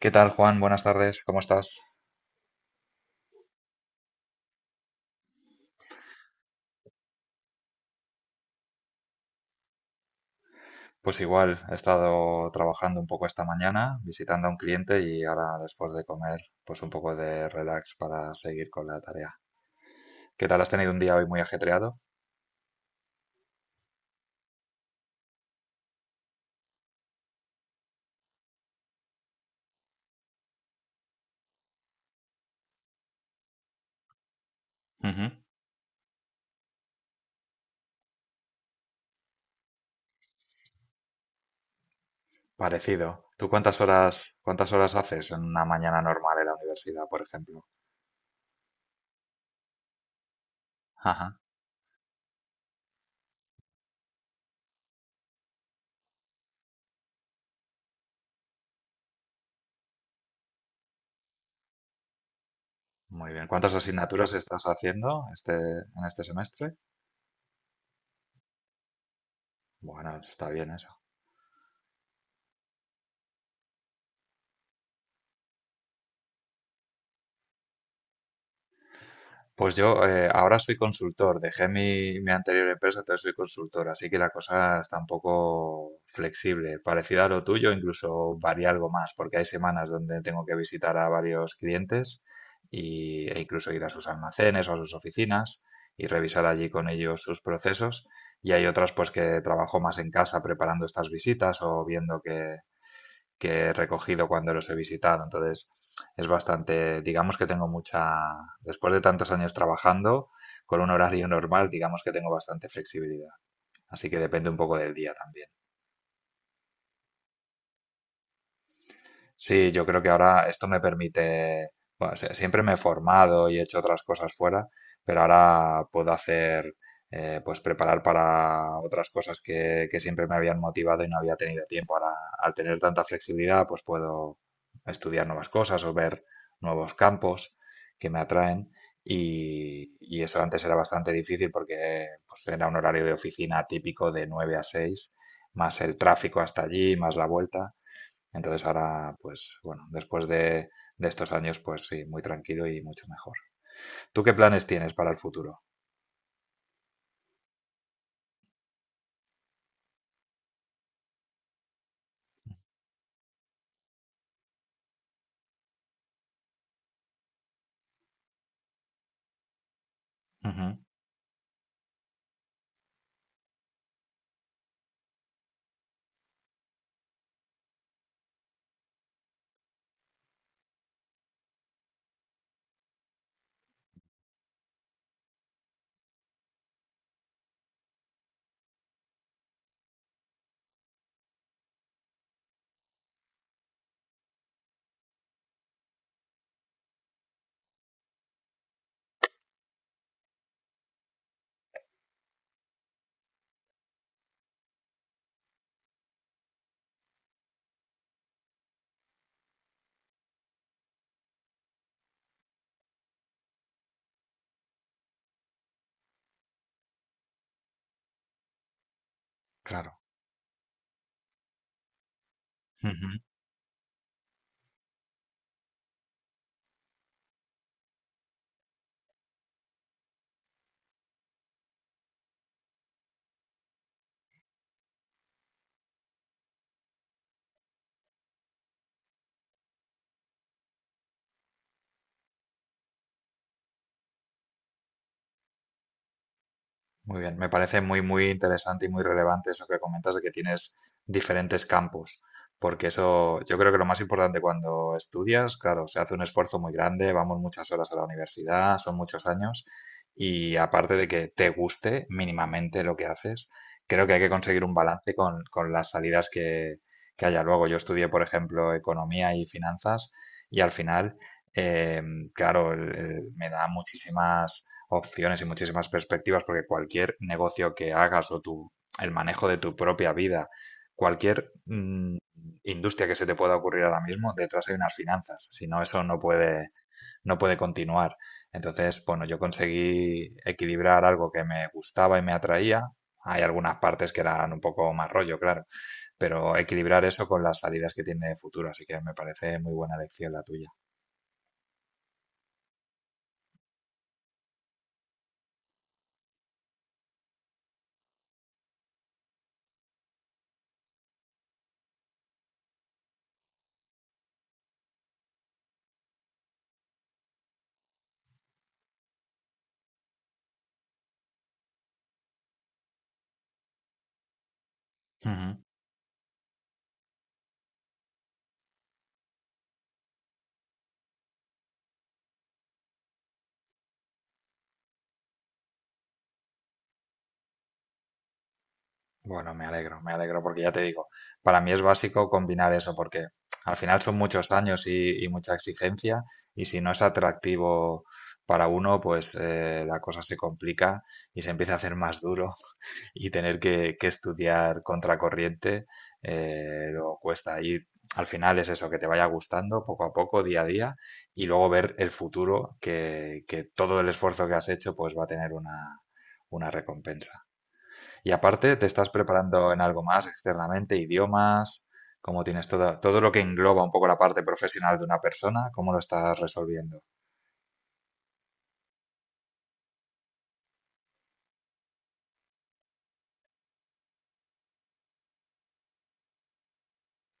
¿Qué tal, Juan? Buenas tardes, ¿cómo estás? Pues igual, he estado trabajando un poco esta mañana, visitando a un cliente y ahora después de comer, pues un poco de relax para seguir con la tarea. ¿Qué tal? ¿Has tenido un día hoy muy ajetreado? Ujú. Parecido. ¿Tú cuántas horas haces en una mañana normal en la universidad, por ejemplo? Ajá, muy bien. ¿Cuántas asignaturas estás haciendo este, en este semestre? Bueno, está bien eso. Pues yo ahora soy consultor, dejé mi anterior empresa, entonces soy consultor, así que la cosa está un poco flexible, parecida a lo tuyo, incluso varía algo más, porque hay semanas donde tengo que visitar a varios clientes y, e incluso ir a sus almacenes o a sus oficinas y revisar allí con ellos sus procesos. Y hay otras pues que trabajo más en casa preparando estas visitas o viendo que he recogido cuando los he visitado. Entonces, es bastante, digamos que tengo mucha, después de tantos años trabajando, con un horario normal, digamos que tengo bastante flexibilidad. Así que depende un poco del día también. Sí, yo creo que ahora esto me permite, bueno, siempre me he formado y he hecho otras cosas fuera, pero ahora puedo hacer, pues preparar para otras cosas que siempre me habían motivado y no había tenido tiempo. Ahora, al tener tanta flexibilidad, pues puedo estudiar nuevas cosas o ver nuevos campos que me atraen. Y eso antes era bastante difícil porque pues, era un horario de oficina típico de 9 a 6 más el tráfico hasta allí, más la vuelta. Entonces ahora, pues bueno, después de estos años, pues sí, muy tranquilo y mucho mejor. ¿Tú qué planes tienes para el futuro? Ujú, claro. Ujú. Muy bien, me parece muy, muy interesante y muy relevante eso que comentas de que tienes diferentes campos, porque eso yo creo que lo más importante cuando estudias, claro, se hace un esfuerzo muy grande, vamos muchas horas a la universidad, son muchos años, y aparte de que te guste mínimamente lo que haces, creo que hay que conseguir un balance con las salidas que haya luego. Yo estudié, por ejemplo, economía y finanzas, y al final, claro, me da muchísimas opciones y muchísimas perspectivas, porque cualquier negocio que hagas o tu, el manejo de tu propia vida, cualquier industria que se te pueda ocurrir ahora mismo, detrás hay unas finanzas. Si no, eso no puede continuar. Entonces, bueno, yo conseguí equilibrar algo que me gustaba y me atraía. Hay algunas partes que eran un poco más rollo, claro, pero equilibrar eso con las salidas que tiene de futuro. Así que me parece muy buena elección la tuya. Ujú. Bueno, me alegro porque ya te digo, para mí es básico combinar eso porque al final son muchos años y mucha exigencia y si no es atractivo para uno, pues la cosa se complica y se empieza a hacer más duro y tener que estudiar contracorriente luego cuesta. Y al final es eso, que te vaya gustando poco a poco, día a día y luego ver el futuro que todo el esfuerzo que has hecho pues va a tener una recompensa. Y aparte, ¿te estás preparando en algo más externamente? ¿Idiomas? ¿Cómo tienes todo lo que engloba un poco la parte profesional de una persona? ¿Cómo lo estás resolviendo?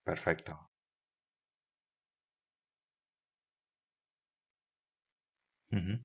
Perfecto. Ujú.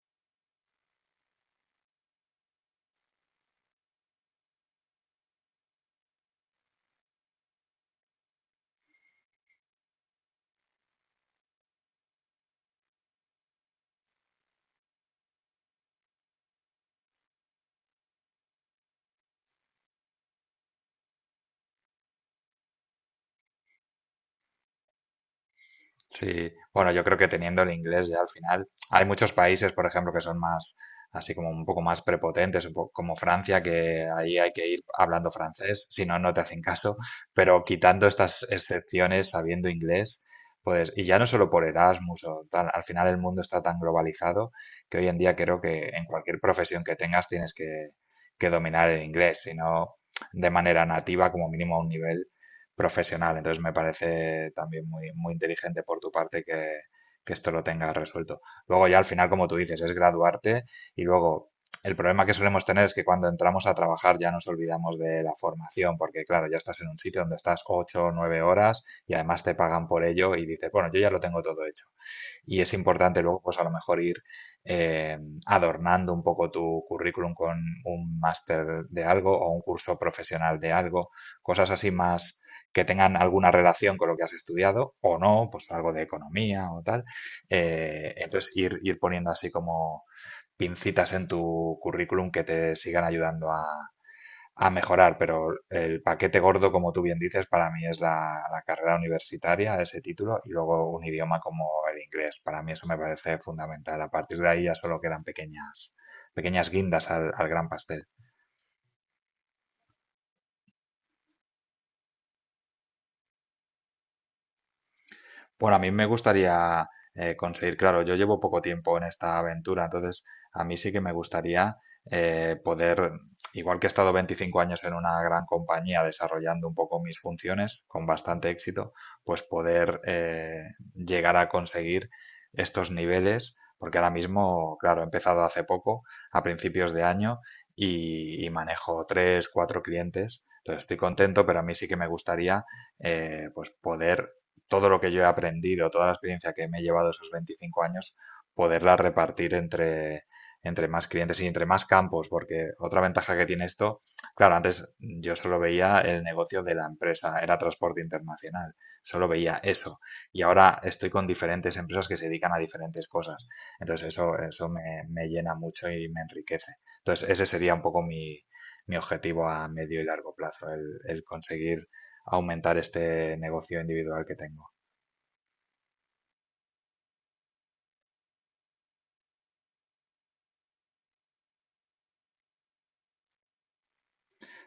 Sí, bueno, yo creo que teniendo el inglés ya al final, hay muchos países, por ejemplo, que son más, así como un poco más prepotentes, un poco como Francia, que ahí hay que ir hablando francés, si no, no te hacen caso, pero quitando estas excepciones, sabiendo inglés, pues, y ya no solo por Erasmus o tal, al final el mundo está tan globalizado que hoy en día creo que en cualquier profesión que tengas tienes que dominar el inglés, si no de manera nativa, como mínimo a un nivel profesional. Entonces me parece también muy, muy inteligente por tu parte que esto lo tengas resuelto. Luego ya al final, como tú dices, es graduarte y luego el problema que solemos tener es que cuando entramos a trabajar ya nos olvidamos de la formación, porque claro, ya estás en un sitio donde estás 8 o 9 horas y además te pagan por ello y dices, bueno, yo ya lo tengo todo hecho. Y es importante luego, pues a lo mejor ir eh, adornando un poco tu currículum con un máster de algo o un curso profesional de algo, cosas así más que tengan alguna relación con lo que has estudiado o no, pues algo de economía o tal. Entonces ir poniendo así como pincitas en tu currículum que te sigan ayudando a mejorar, pero el paquete gordo, como tú bien dices, para mí es la carrera universitaria, ese título, y luego un idioma como el inglés. Para mí eso me parece fundamental. A partir de ahí ya solo quedan pequeñas, pequeñas guindas al gran pastel. Bueno, a mí me gustaría conseguir, claro, yo llevo poco tiempo en esta aventura, entonces a mí sí que me gustaría poder, igual que he estado 25 años en una gran compañía desarrollando un poco mis funciones con bastante éxito, pues poder llegar a conseguir estos niveles, porque ahora mismo, claro, he empezado hace poco, a principios de año, y manejo tres, cuatro clientes, entonces estoy contento, pero a mí sí que me gustaría pues poder todo lo que yo he aprendido, toda la experiencia que me he llevado esos 25 años, poderla repartir entre más clientes y entre más campos, porque otra ventaja que tiene esto, claro, antes yo solo veía el negocio de la empresa, era transporte internacional, solo veía eso, y ahora estoy con diferentes empresas que se dedican a diferentes cosas, entonces eso me, me llena mucho y me enriquece. Entonces ese sería un poco mi objetivo a medio y largo plazo, el conseguir aumentar este negocio individual que tengo.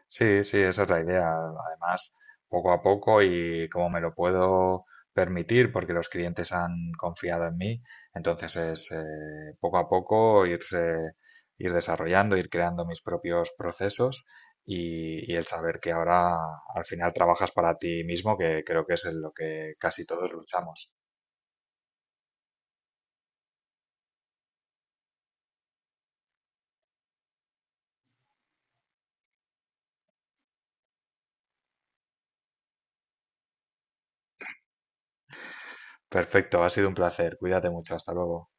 Sí, sí, esa es la idea. Además, poco a poco y como me lo puedo permitir, porque los clientes han confiado en mí, entonces es poco a poco irse, ir desarrollando, ir creando mis propios procesos y el saber que ahora al final trabajas para ti mismo, que creo que es en lo que casi todos luchamos. Perfecto, ha sido un placer. Cuídate mucho. Hasta luego.